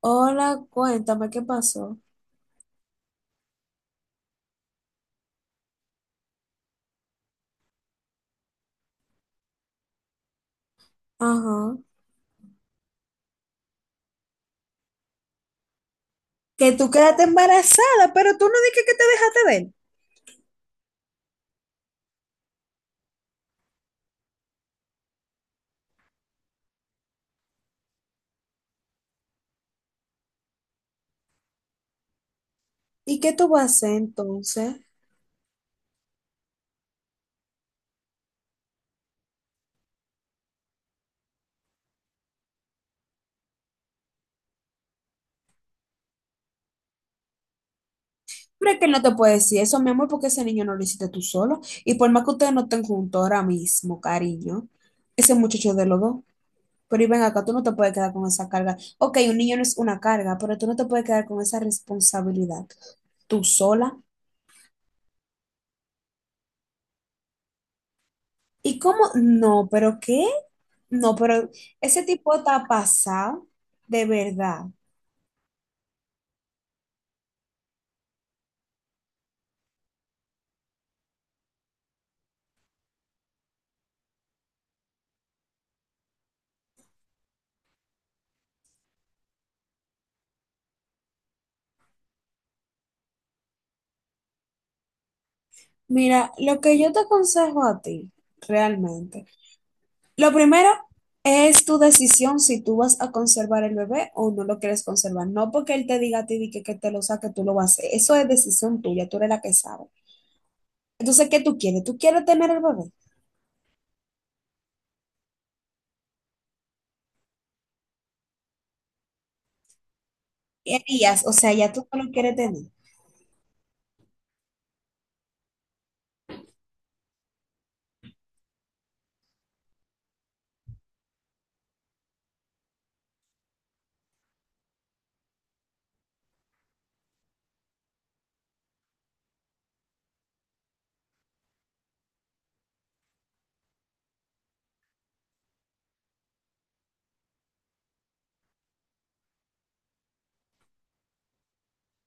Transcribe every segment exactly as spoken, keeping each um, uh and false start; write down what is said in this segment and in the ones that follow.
Hola, cuéntame qué pasó. Ajá. Que tú quedaste embarazada, pero tú no dijiste que te dejaste de él. ¿Y qué tú vas a hacer entonces? Pero es que él no te puede decir eso, mi amor, porque ese niño no lo hiciste tú solo. Y por más que ustedes no estén juntos ahora mismo, cariño, ese muchacho es de los dos. Pero y ven acá, tú no te puedes quedar con esa carga. Ok, un niño no es una carga, pero tú no te puedes quedar con esa responsabilidad. Tú sola. ¿Y cómo? No, pero ¿qué? No, pero ese tipo está pasado, de verdad. Mira, lo que yo te aconsejo a ti, realmente, lo primero es tu decisión si tú vas a conservar el bebé o no lo quieres conservar. No porque él te diga a ti di que, que te lo saque, tú lo vas a hacer. Eso es decisión tuya, tú eres la que sabe. Entonces, ¿qué tú quieres? ¿Tú quieres tener el bebé? ¿Qué harías? O sea, ya tú no lo quieres tener.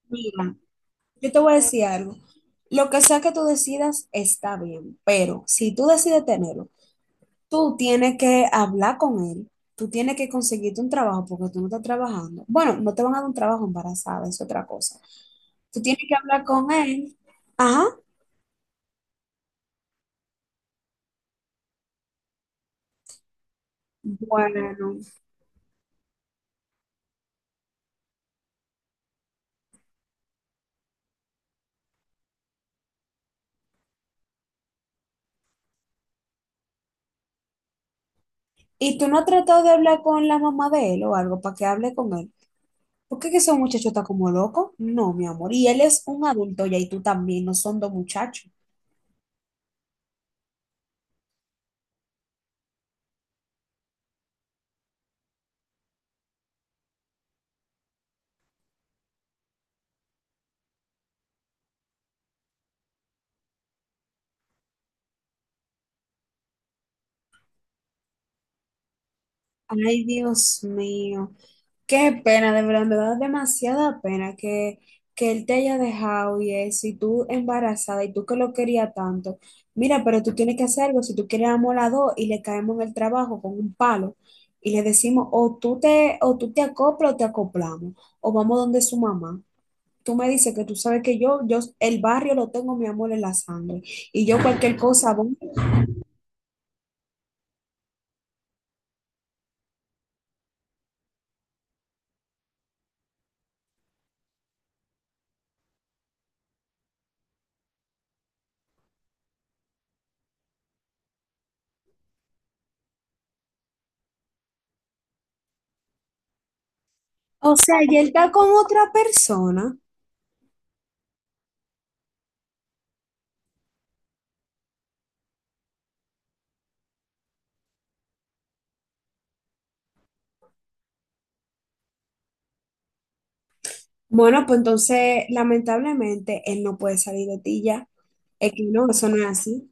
Mira, yo te voy a decir algo. Lo que sea que tú decidas está bien, pero si tú decides tenerlo, tú tienes que hablar con él, tú tienes que conseguirte un trabajo porque tú no estás trabajando. Bueno, no te van a dar un trabajo embarazada, es otra cosa. Tú tienes que hablar con él. Ajá. Bueno. ¿Y tú no has tratado de hablar con la mamá de él o algo para que hable con él? ¿Por qué que ese muchacho está como loco? No, mi amor. Y él es un adulto ya y tú también, no son dos muchachos. Ay, Dios mío. Qué pena, de verdad, me da demasiada pena que, que él te haya dejado y eso, y tú embarazada, y tú que lo querías tanto. Mira, pero tú tienes que hacer algo, si tú quieres amor a dos y le caemos en el trabajo con un palo y le decimos, o tú te, o tú te acoplas o te acoplamos, o vamos donde su mamá. Tú me dices que tú sabes que yo, yo, el barrio lo tengo, mi amor, en la sangre, y yo cualquier cosa voy. O sea, y él está con otra persona. Bueno, pues entonces, lamentablemente, él no puede salir de ti ya. Es que no, eso no es así.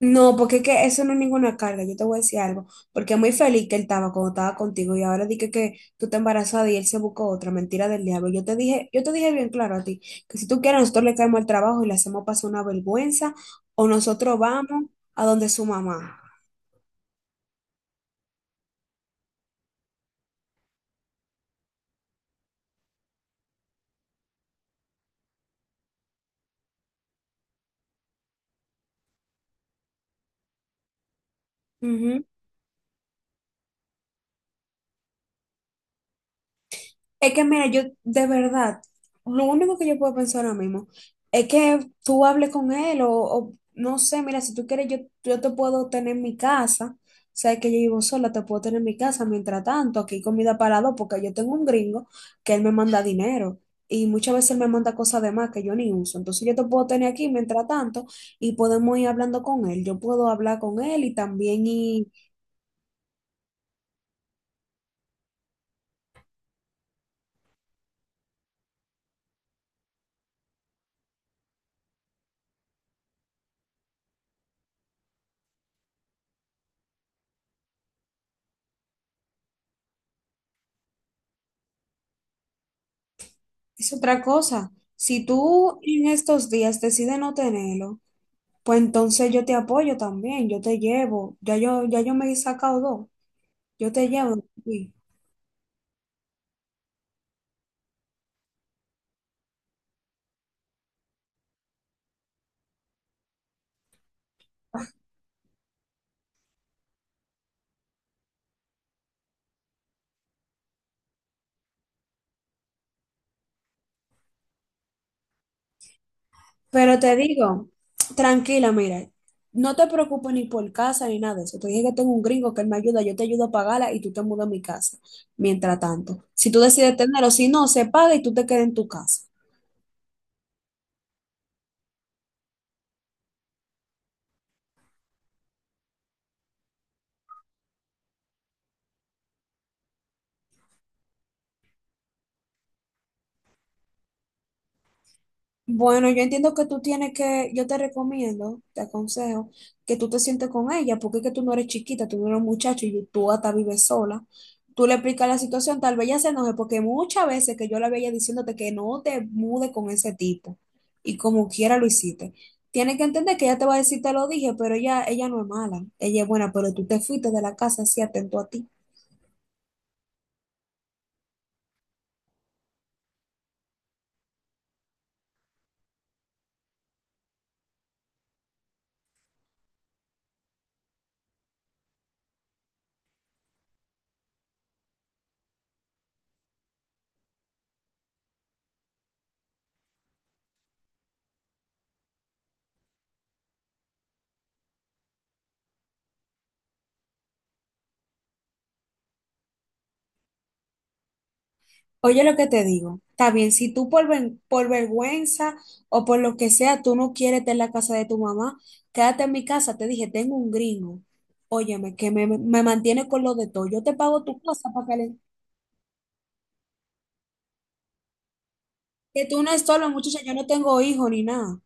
No, porque es que eso no es ninguna carga. Yo te voy a decir algo. Porque muy feliz que él estaba cuando estaba contigo y ahora dije que, que tú te embarazada y él se buscó otra mentira del diablo. Yo te dije, yo te dije bien claro a ti que si tú quieres, nosotros le caemos al trabajo y le hacemos pasar una vergüenza o nosotros vamos a donde su mamá. Ujú. Es que mira, yo de verdad, lo único que yo puedo pensar ahora mismo es que tú hables con él o, o, no sé, mira, si tú quieres, yo, yo te puedo tener en mi casa, o sea, que yo vivo sola, te puedo tener en mi casa, mientras tanto, aquí hay comida para dos, porque yo tengo un gringo que él me manda dinero y muchas veces él me manda cosas de más que yo ni uso, entonces yo te puedo tener aquí mientras tanto y podemos ir hablando con él, yo puedo hablar con él y también y es otra cosa, si tú en estos días decides no tenerlo. Pues entonces yo te apoyo también, yo te llevo, ya yo, ya yo me he sacado dos, yo te llevo. Sí. Pero te digo, tranquila, mira, no te preocupes ni por casa ni nada de eso. Te dije que tengo un gringo que él me ayuda, yo te ayudo a pagarla y tú te mudas a mi casa, mientras tanto. Si tú decides tenerlo, si no, se paga y tú te quedas en tu casa. Bueno, yo entiendo que tú tienes que, yo te recomiendo, te aconsejo, que tú te sientes con ella, porque es que tú no eres chiquita, tú no eres un muchacho y tú hasta vives sola. Tú le explicas la situación, tal vez ella se enoje, porque muchas veces que yo la veía diciéndote que no te mude con ese tipo, y como quiera lo hiciste. Tienes que entender que ella te va a decir, te lo dije, pero ella, ella no es mala, ella es buena, pero tú te fuiste de la casa así atento a ti. Oye lo que te digo. Está bien, si tú por, ven- por vergüenza o por lo que sea, tú no quieres estar en la casa de tu mamá, quédate en mi casa. Te dije, tengo un gringo. Óyeme, que me, me mantiene con lo de todo. Yo te pago tu cosa para que, le- que tú no es solo, muchacha. Yo no tengo hijos ni nada.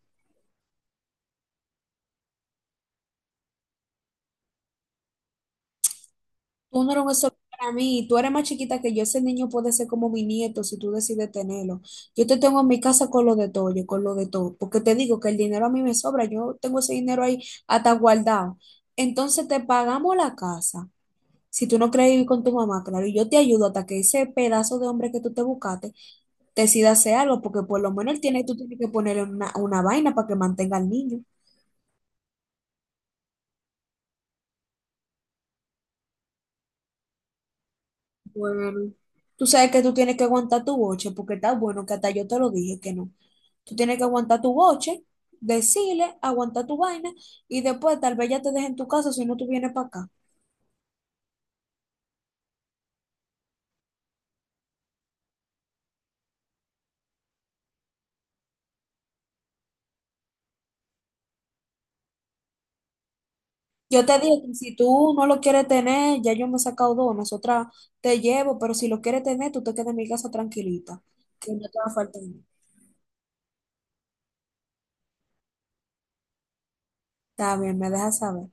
Tú no eres un eso para mí, tú eres más chiquita que yo, ese niño puede ser como mi nieto si tú decides tenerlo. Yo te tengo en mi casa con lo de todo, yo con lo de todo, porque te digo que el dinero a mí me sobra, yo tengo ese dinero ahí hasta guardado. Entonces te pagamos la casa, si tú no quieres vivir con tu mamá, claro, y yo te ayudo hasta que ese pedazo de hombre que tú te buscaste decida hacer algo, porque por lo menos él tiene, tú tienes que ponerle una, una vaina para que mantenga al niño. Bueno, tú sabes que tú tienes que aguantar tu boche, porque está bueno que hasta yo te lo dije que no. Tú tienes que aguantar tu boche, decirle, aguantar tu vaina y después tal vez ya te dejen tu casa si no tú vienes para acá. Yo te digo que si tú no lo quieres tener, ya yo me he sacado dos, nosotras te llevo, pero si lo quieres tener, tú te quedas en mi casa tranquilita, que no te va a faltar nada. Está bien, me dejas saber.